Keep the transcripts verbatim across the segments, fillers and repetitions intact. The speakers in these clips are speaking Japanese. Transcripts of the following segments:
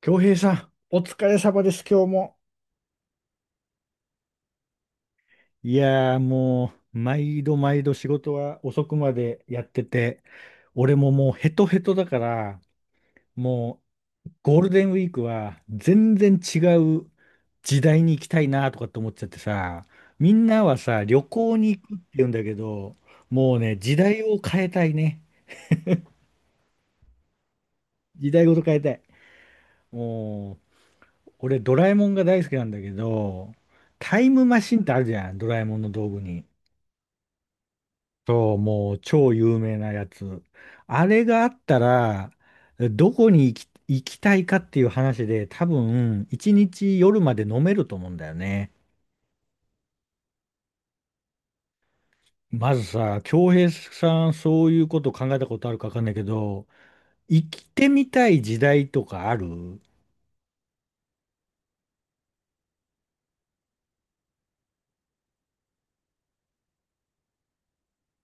京平さん、お疲れ様です、今日も。いやーもう、毎度毎度仕事は遅くまでやってて、俺ももうヘトヘトだから、もうゴールデンウィークは全然違う時代に行きたいなとかって思っちゃってさ、みんなはさ、旅行に行くって言うんだけど、もうね、時代を変えたいね。時代ごと変えたい。もう、俺ドラえもんが大好きなんだけど、タイムマシンってあるじゃん、ドラえもんの道具に。そう、もう超有名なやつ。あれがあったら、どこに行き、行きたいかっていう話で、多分、一日夜まで飲めると思うんだよね。まずさ、京平さん、そういうこと考えたことあるかわかんないけど、生きてみたい時代とかある？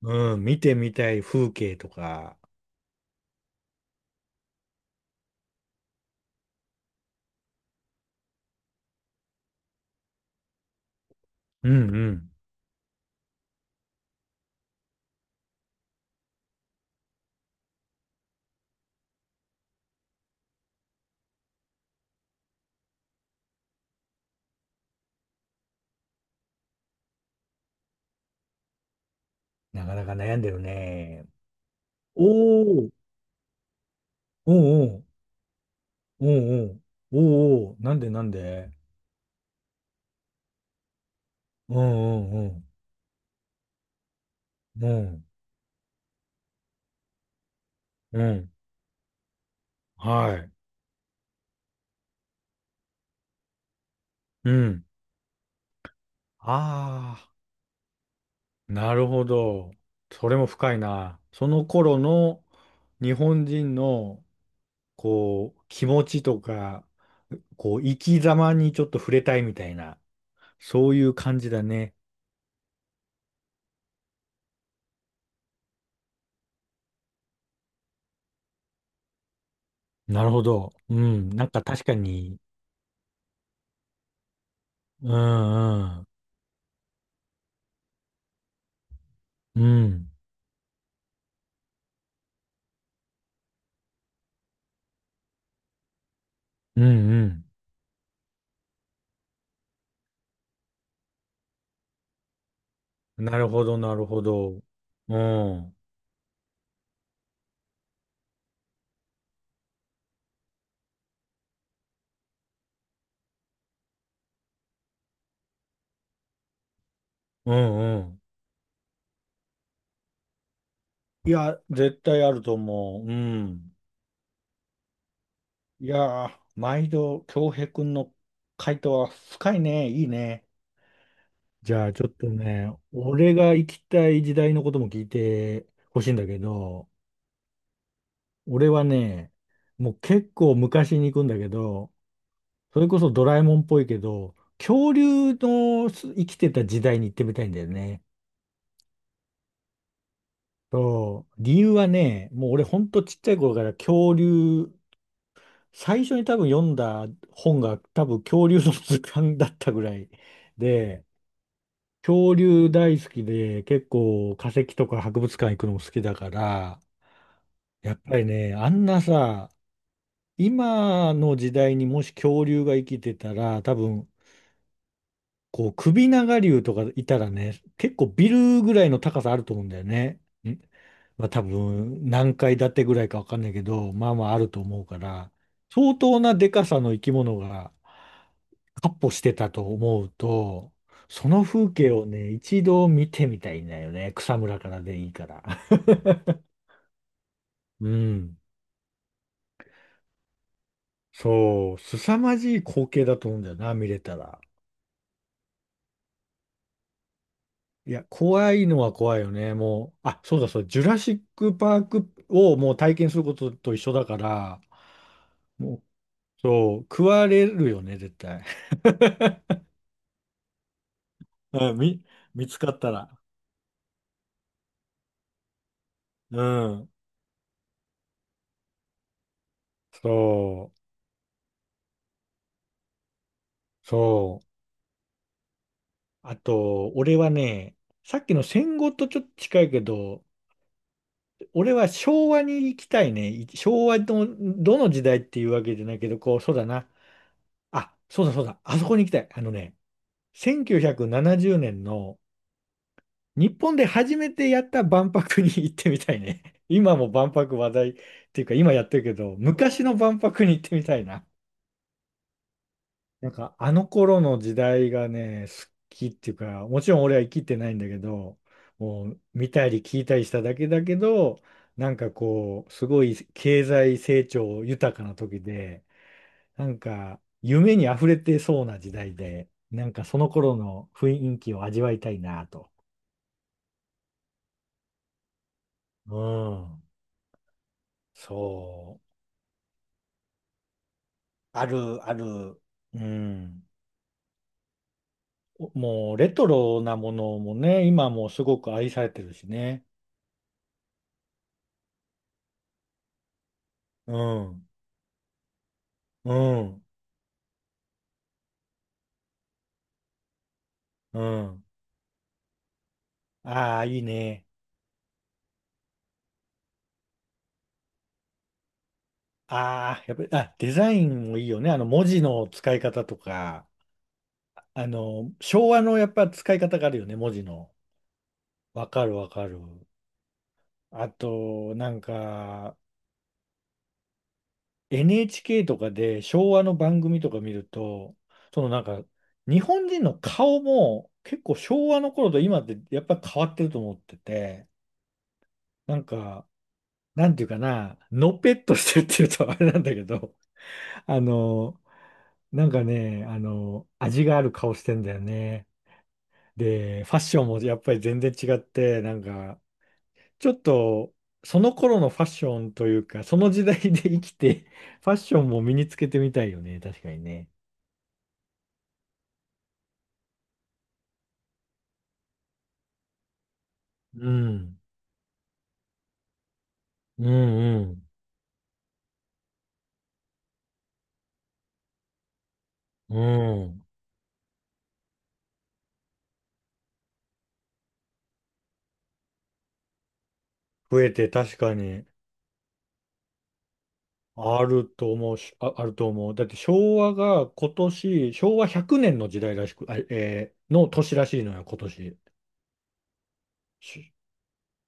うん、見てみたい風景とか。うんうん。なかなか悩んでるね。おお、おうおうん、おうおうん、おおなんでなんでうんうんうん、うん。うん。はい。うん。ああ、なるほど。それも深いな。その頃の日本人の、こう、気持ちとか、こう、生き様にちょっと触れたいみたいな、そういう感じだね。なるほど。うん。なんか確かに、うんうん。うん。うんうん。なるほど、なるほど。うん。うんうん。いや、絶対あると思う。うん。いやー、毎度、京平くんの回答は深いね。いいね。じゃあ、ちょっとね、俺が行きたい時代のことも聞いてほしいんだけど、俺はね、もう結構昔に行くんだけど、それこそドラえもんっぽいけど、恐竜のす生きてた時代に行ってみたいんだよね。そう、理由はね、もう俺ほんとちっちゃい頃から恐竜、最初に多分読んだ本が多分恐竜の図鑑だったぐらいで、恐竜大好きで、結構化石とか博物館行くのも好きだから、やっぱりね、あんなさ、今の時代にもし恐竜が生きてたら、多分、こう、首長竜とかいたらね、結構ビルぐらいの高さあると思うんだよね。まあ多分何階建てぐらいかわかんないけど、まあまああると思うから、相当なでかさの生き物が闊歩してたと思うと、その風景をね、一度見てみたいんだよね。草むらからでいいから。うん。そう、凄まじい光景だと思うんだよな、見れたら。いや、怖いのは怖いよね。もう、あ、そうだそう、ジュラシックパークをもう体験することと一緒だから、もう、そう、食われるよね、絶対。うん、み、見つかったら。うん。そう、そう。あと、俺はね、さっきの戦後とちょっと近いけど、俺は昭和に行きたいね。い昭和のどの時代っていうわけじゃないけど、こう、そうだな。あ、そうだそうだ。あそこに行きたい。あのね、せんきゅうひゃくななじゅうねんの日本で初めてやった万博に行ってみたいね。今も万博話題っていうか、今やってるけど、昔の万博に行ってみたいな。なんかあの頃の時代がね、好きっていうか、もちろん俺は生きてないんだけど、もう見たり聞いたりしただけだけど、なんかこう、すごい経済成長豊かな時で、なんか夢に溢れてそうな時代で、なんかその頃の雰囲気を味わいたいなと。うん、そう。ある、ある。うん。おもうレトロなものもね、今もすごく愛されてるしね。うん。うん。うん。ああ、いいね。ああ、やっぱり、あ、デザインもいいよね。あの、文字の使い方とか、あの、昭和のやっぱ使い方があるよね、文字の。わかるわかる。あと、なんか、エヌエイチケー とかで昭和の番組とか見ると、そのなんか、日本人の顔も結構昭和の頃と今ってやっぱ変わってると思ってて、なんか、なんていうかな、のぺっとしてるっていうとあれなんだけど、あの、なんかね、あの、味がある顔してんだよね。で、ファッションもやっぱり全然違って、なんか、ちょっと、その頃のファッションというか、その時代で生きて、ファッションも身につけてみたいよね。確かにね。うん。うんうん。うん。増えて確かに、あると思うし、あ、あると思う。だって昭和が今年、昭和ひゃくねんの時代らしく、あ、えーの年らしいのよ、今年。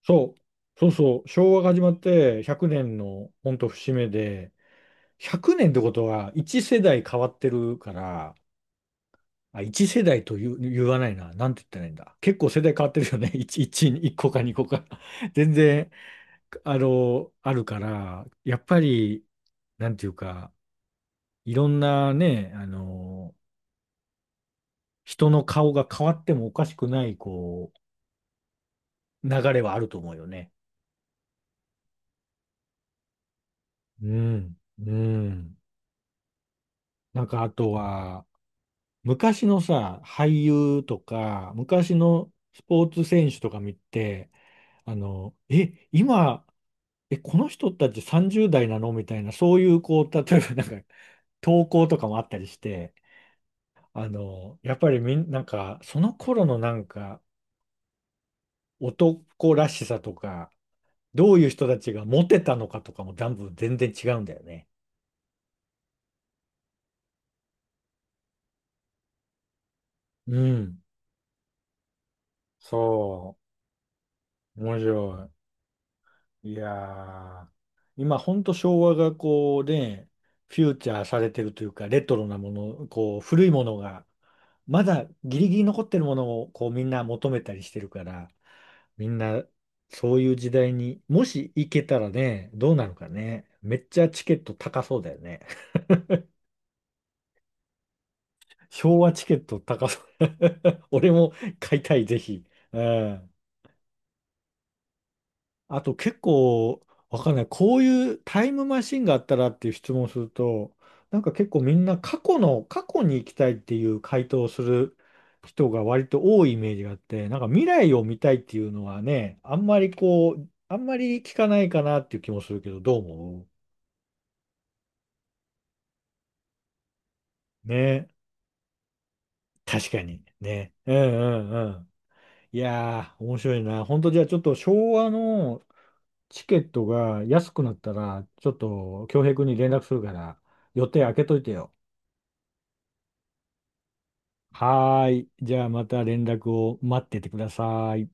そう、そうそう、昭和が始まってひゃくねんの本当節目で、ひゃくねんってことはいち世代変わってるから、あ、いち世代と言う、言わないな、なんて言ったらいいんだ。結構世代変わってるよね、いち、いち、個かにこか。全然、あの、あるから、やっぱり、なんていうか、いろんなね、あの、人の顔が変わってもおかしくない、こう、流れはあると思うよね。うん、うん。なんかあとは、昔のさ、俳優とか、昔のスポーツ選手とか見て、あの、え、今、え、この人たちさんじゅう代なのみたいな、そういう、こう、例えばなんか、投稿とかもあったりして、あの、やっぱりみん、なんか、その頃のなんか、男らしさとか、どういう人たちがモテたのかとかも、全部全然違うんだよね。うん。そう。面白い。いやー、今ほんと昭和がこうね、フューチャーされてるというか、レトロなもの、こう古いものが、まだギリギリ残ってるものをこうみんな求めたりしてるから、みんなそういう時代にもし行けたらね、どうなるかね。めっちゃチケット高そうだよね。昭和チケット高そう。俺も買いたい、ぜひ。うん。あと結構、わかんない。こういうタイムマシンがあったらっていう質問をすると、なんか結構みんな過去の、過去に行きたいっていう回答をする人が割と多いイメージがあって、なんか未来を見たいっていうのはね、あんまりこう、あんまり聞かないかなっていう気もするけど、どう思うね？確かに。ね。うんうんうん。いやー、面白いな。本当じゃあちょっと昭和のチケットが安くなったら、ちょっと恭平君に連絡するから、予定開けといてよ。はーい。じゃあまた連絡を待っててください。